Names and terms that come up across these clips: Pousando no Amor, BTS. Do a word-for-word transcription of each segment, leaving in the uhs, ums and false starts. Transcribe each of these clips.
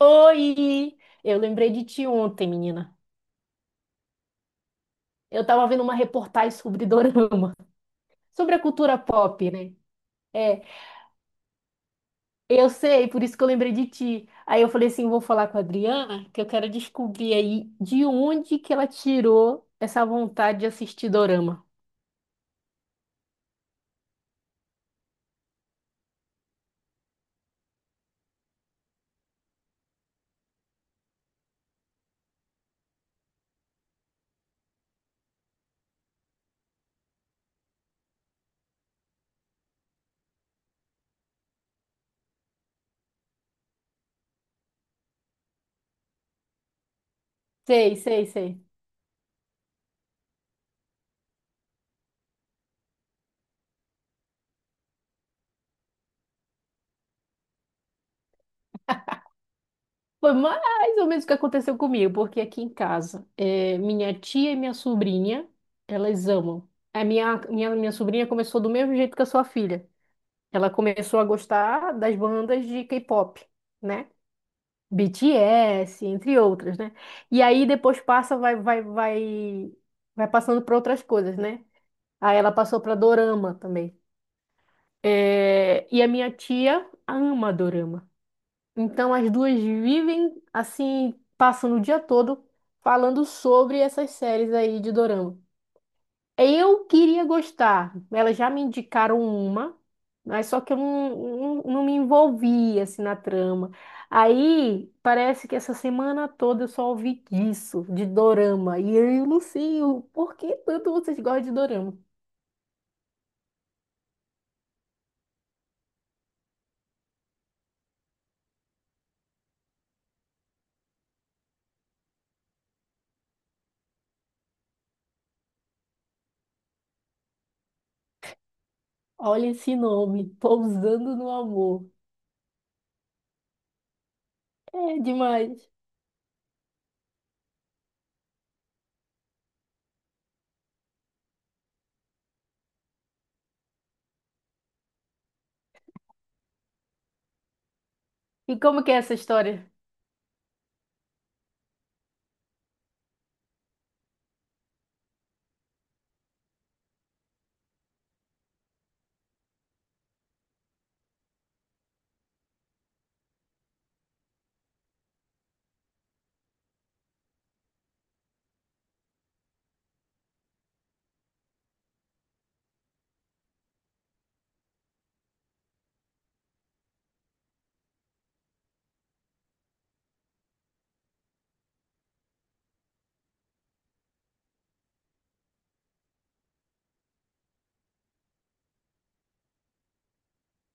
Oi! Eu lembrei de ti ontem, menina. Eu tava vendo uma reportagem sobre dorama, sobre a cultura pop, né? É, eu sei, por isso que eu lembrei de ti. Aí eu falei assim, vou falar com a Adriana, que eu quero descobrir aí de onde que ela tirou essa vontade de assistir dorama. Sei, sei, sei. Foi mais ou menos o que aconteceu comigo, porque aqui em casa, é, minha tia e minha sobrinha, elas amam. A minha, minha, minha sobrinha começou do mesmo jeito que a sua filha. Ela começou a gostar das bandas de K-pop, né? B T S, entre outras, né? E aí depois passa, vai, vai, vai, vai passando para outras coisas, né? Aí ela passou para dorama também. É, e a minha tia ama dorama. Então as duas vivem assim, passando o dia todo falando sobre essas séries aí de dorama. Eu queria gostar. Elas já me indicaram uma, mas só que eu não, não, não me envolvi assim na trama. Aí parece que essa semana toda eu só ouvi disso, de dorama. E eu não sei o por que tanto vocês gostam de dorama. Olha esse nome, Pousando no Amor. É demais. E como que é essa história?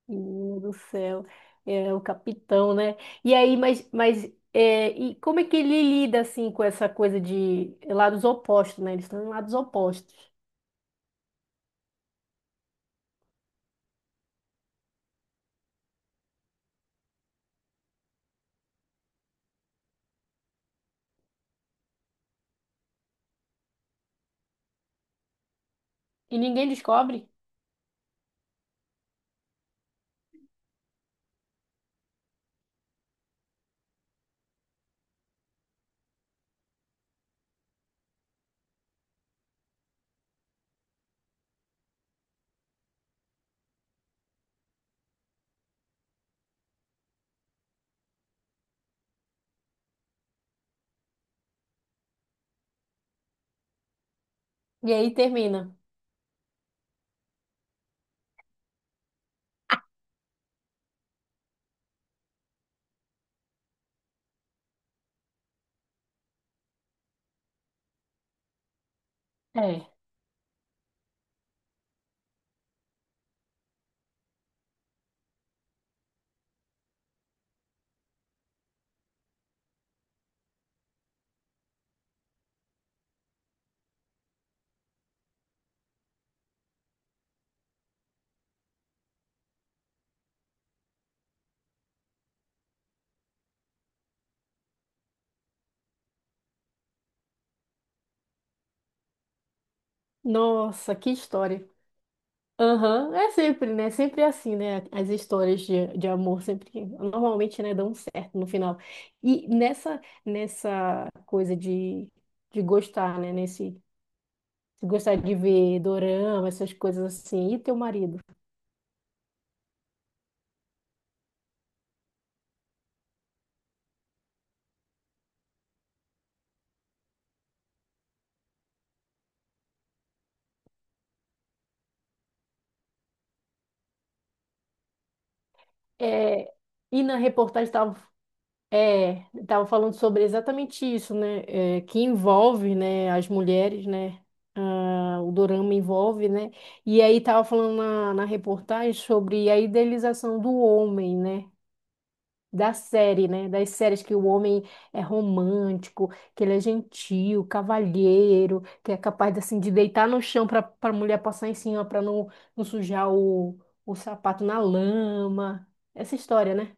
Menino do céu, é o capitão, né? E aí, mas, mas é, e como é que ele lida assim com essa coisa de lados opostos, né? Eles estão em lados opostos. E ninguém descobre. E aí termina. É. Nossa, que história. Aham, é sempre, né? Sempre é assim, né? As histórias de, de amor sempre, normalmente, né, dão certo no final. E nessa, nessa coisa de, de gostar, né? Nesse se gostar de ver dorama, essas coisas assim. E teu marido? É, e na reportagem estava, é, tava falando sobre exatamente isso, né? É, que envolve, né, as mulheres, né? Ah, o dorama envolve, né? E aí tava falando na, na reportagem sobre a idealização do homem, né? Da série, né? Das séries que o homem é romântico, que ele é gentil, cavalheiro, que é capaz assim de deitar no chão para para a mulher passar em cima para não, não sujar o, o sapato na lama. Essa história, né?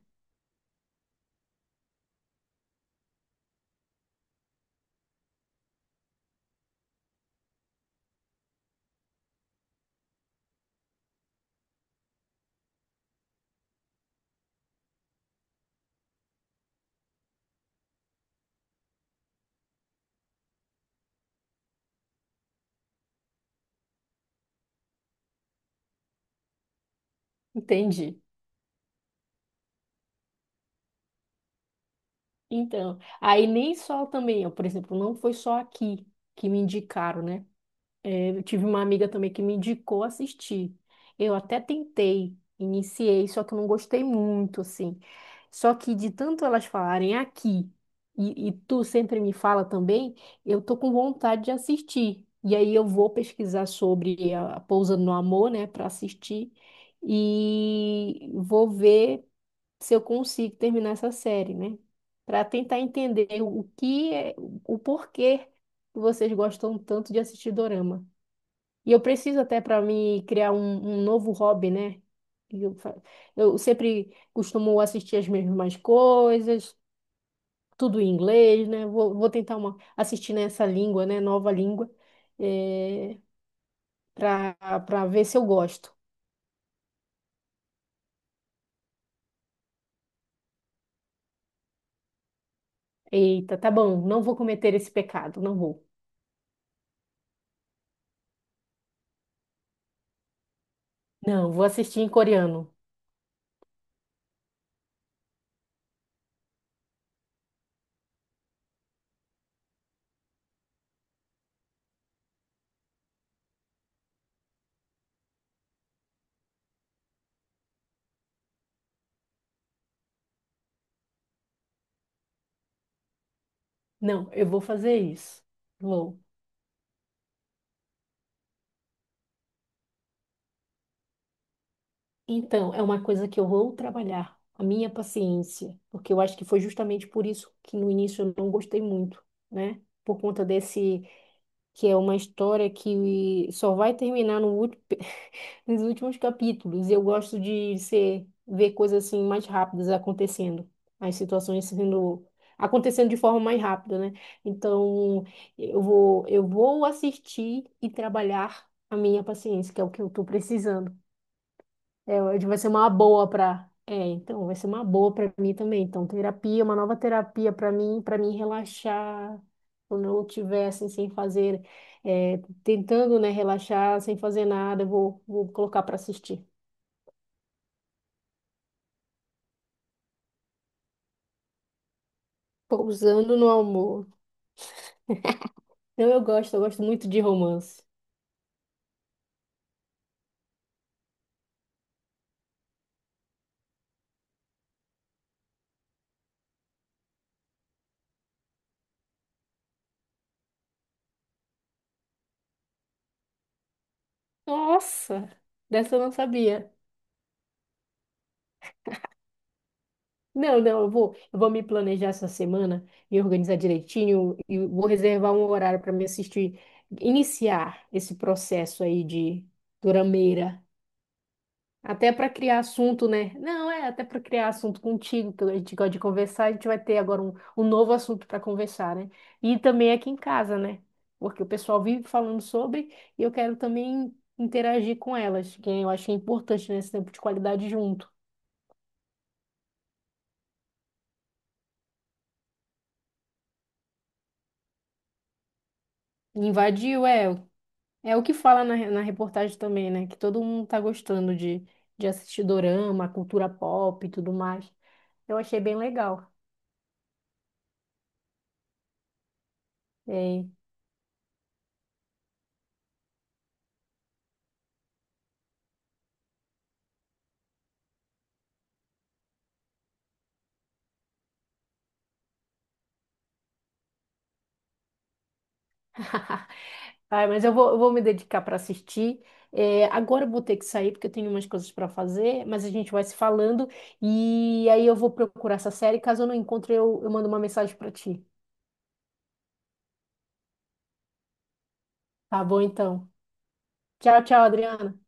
Entendi. Então, aí nem só também, ó, por exemplo, não foi só aqui que me indicaram, né? Eu tive uma amiga também que me indicou assistir. Eu até tentei, iniciei, só que eu não gostei muito, assim. Só que de tanto elas falarem aqui, e, e tu sempre me fala também, eu tô com vontade de assistir. E aí eu vou pesquisar sobre a, a Pousa no Amor, né, para assistir. E vou ver se eu consigo terminar essa série, né? Para tentar entender o que é, o porquê que vocês gostam tanto de assistir dorama. E eu preciso até para me criar um, um novo hobby, né? E Eu, fa- eu sempre costumo assistir as mesmas coisas, tudo em inglês, né? Vou, vou tentar uma, assistir nessa língua, né? Nova língua, é, para para ver se eu gosto. Eita, tá bom, não vou cometer esse pecado, não vou. Não, vou assistir em coreano. Não, eu vou fazer isso. Vou. Então, é uma coisa que eu vou trabalhar, a minha paciência, porque eu acho que foi justamente por isso que no início eu não gostei muito, né? Por conta desse, que é uma história que só vai terminar no ulti- nos últimos capítulos. Eu gosto de ser, ver coisas assim mais rápidas acontecendo, as situações sendo acontecendo de forma mais rápida, né? Então, eu vou, eu vou assistir e trabalhar a minha paciência, que é o que eu estou precisando. É, hoje vai ser uma boa para. É, então, vai ser uma boa para mim também. Então, terapia, uma nova terapia para mim, para mim relaxar quando eu estiver assim, sem fazer, é, tentando, né, relaxar, sem fazer nada, eu vou, vou colocar para assistir. Pousando no amor. Então, eu gosto, eu gosto muito de romance. Nossa, dessa eu não sabia. Não, não, Eu vou, eu vou me planejar essa semana, me organizar direitinho e vou reservar um horário para me assistir, iniciar esse processo aí de durameira, até para criar assunto, né? Não, é até para criar assunto contigo, que a gente gosta de conversar, a gente vai ter agora um, um novo assunto para conversar, né? E também aqui em casa, né? Porque o pessoal vive falando sobre e eu quero também interagir com elas, que eu acho que é importante nesse tempo de qualidade junto. Invadiu, é. É o que fala na, na reportagem também, né? Que todo mundo tá gostando de, de assistir dorama, cultura pop e tudo mais. Eu achei bem legal. É. Ai, mas eu vou, eu vou me dedicar para assistir. É, agora eu vou ter que sair porque eu tenho umas coisas para fazer, mas a gente vai se falando e aí eu vou procurar essa série. Caso eu não encontre, eu, eu mando uma mensagem para ti. Tá bom, então. Tchau, tchau, Adriana.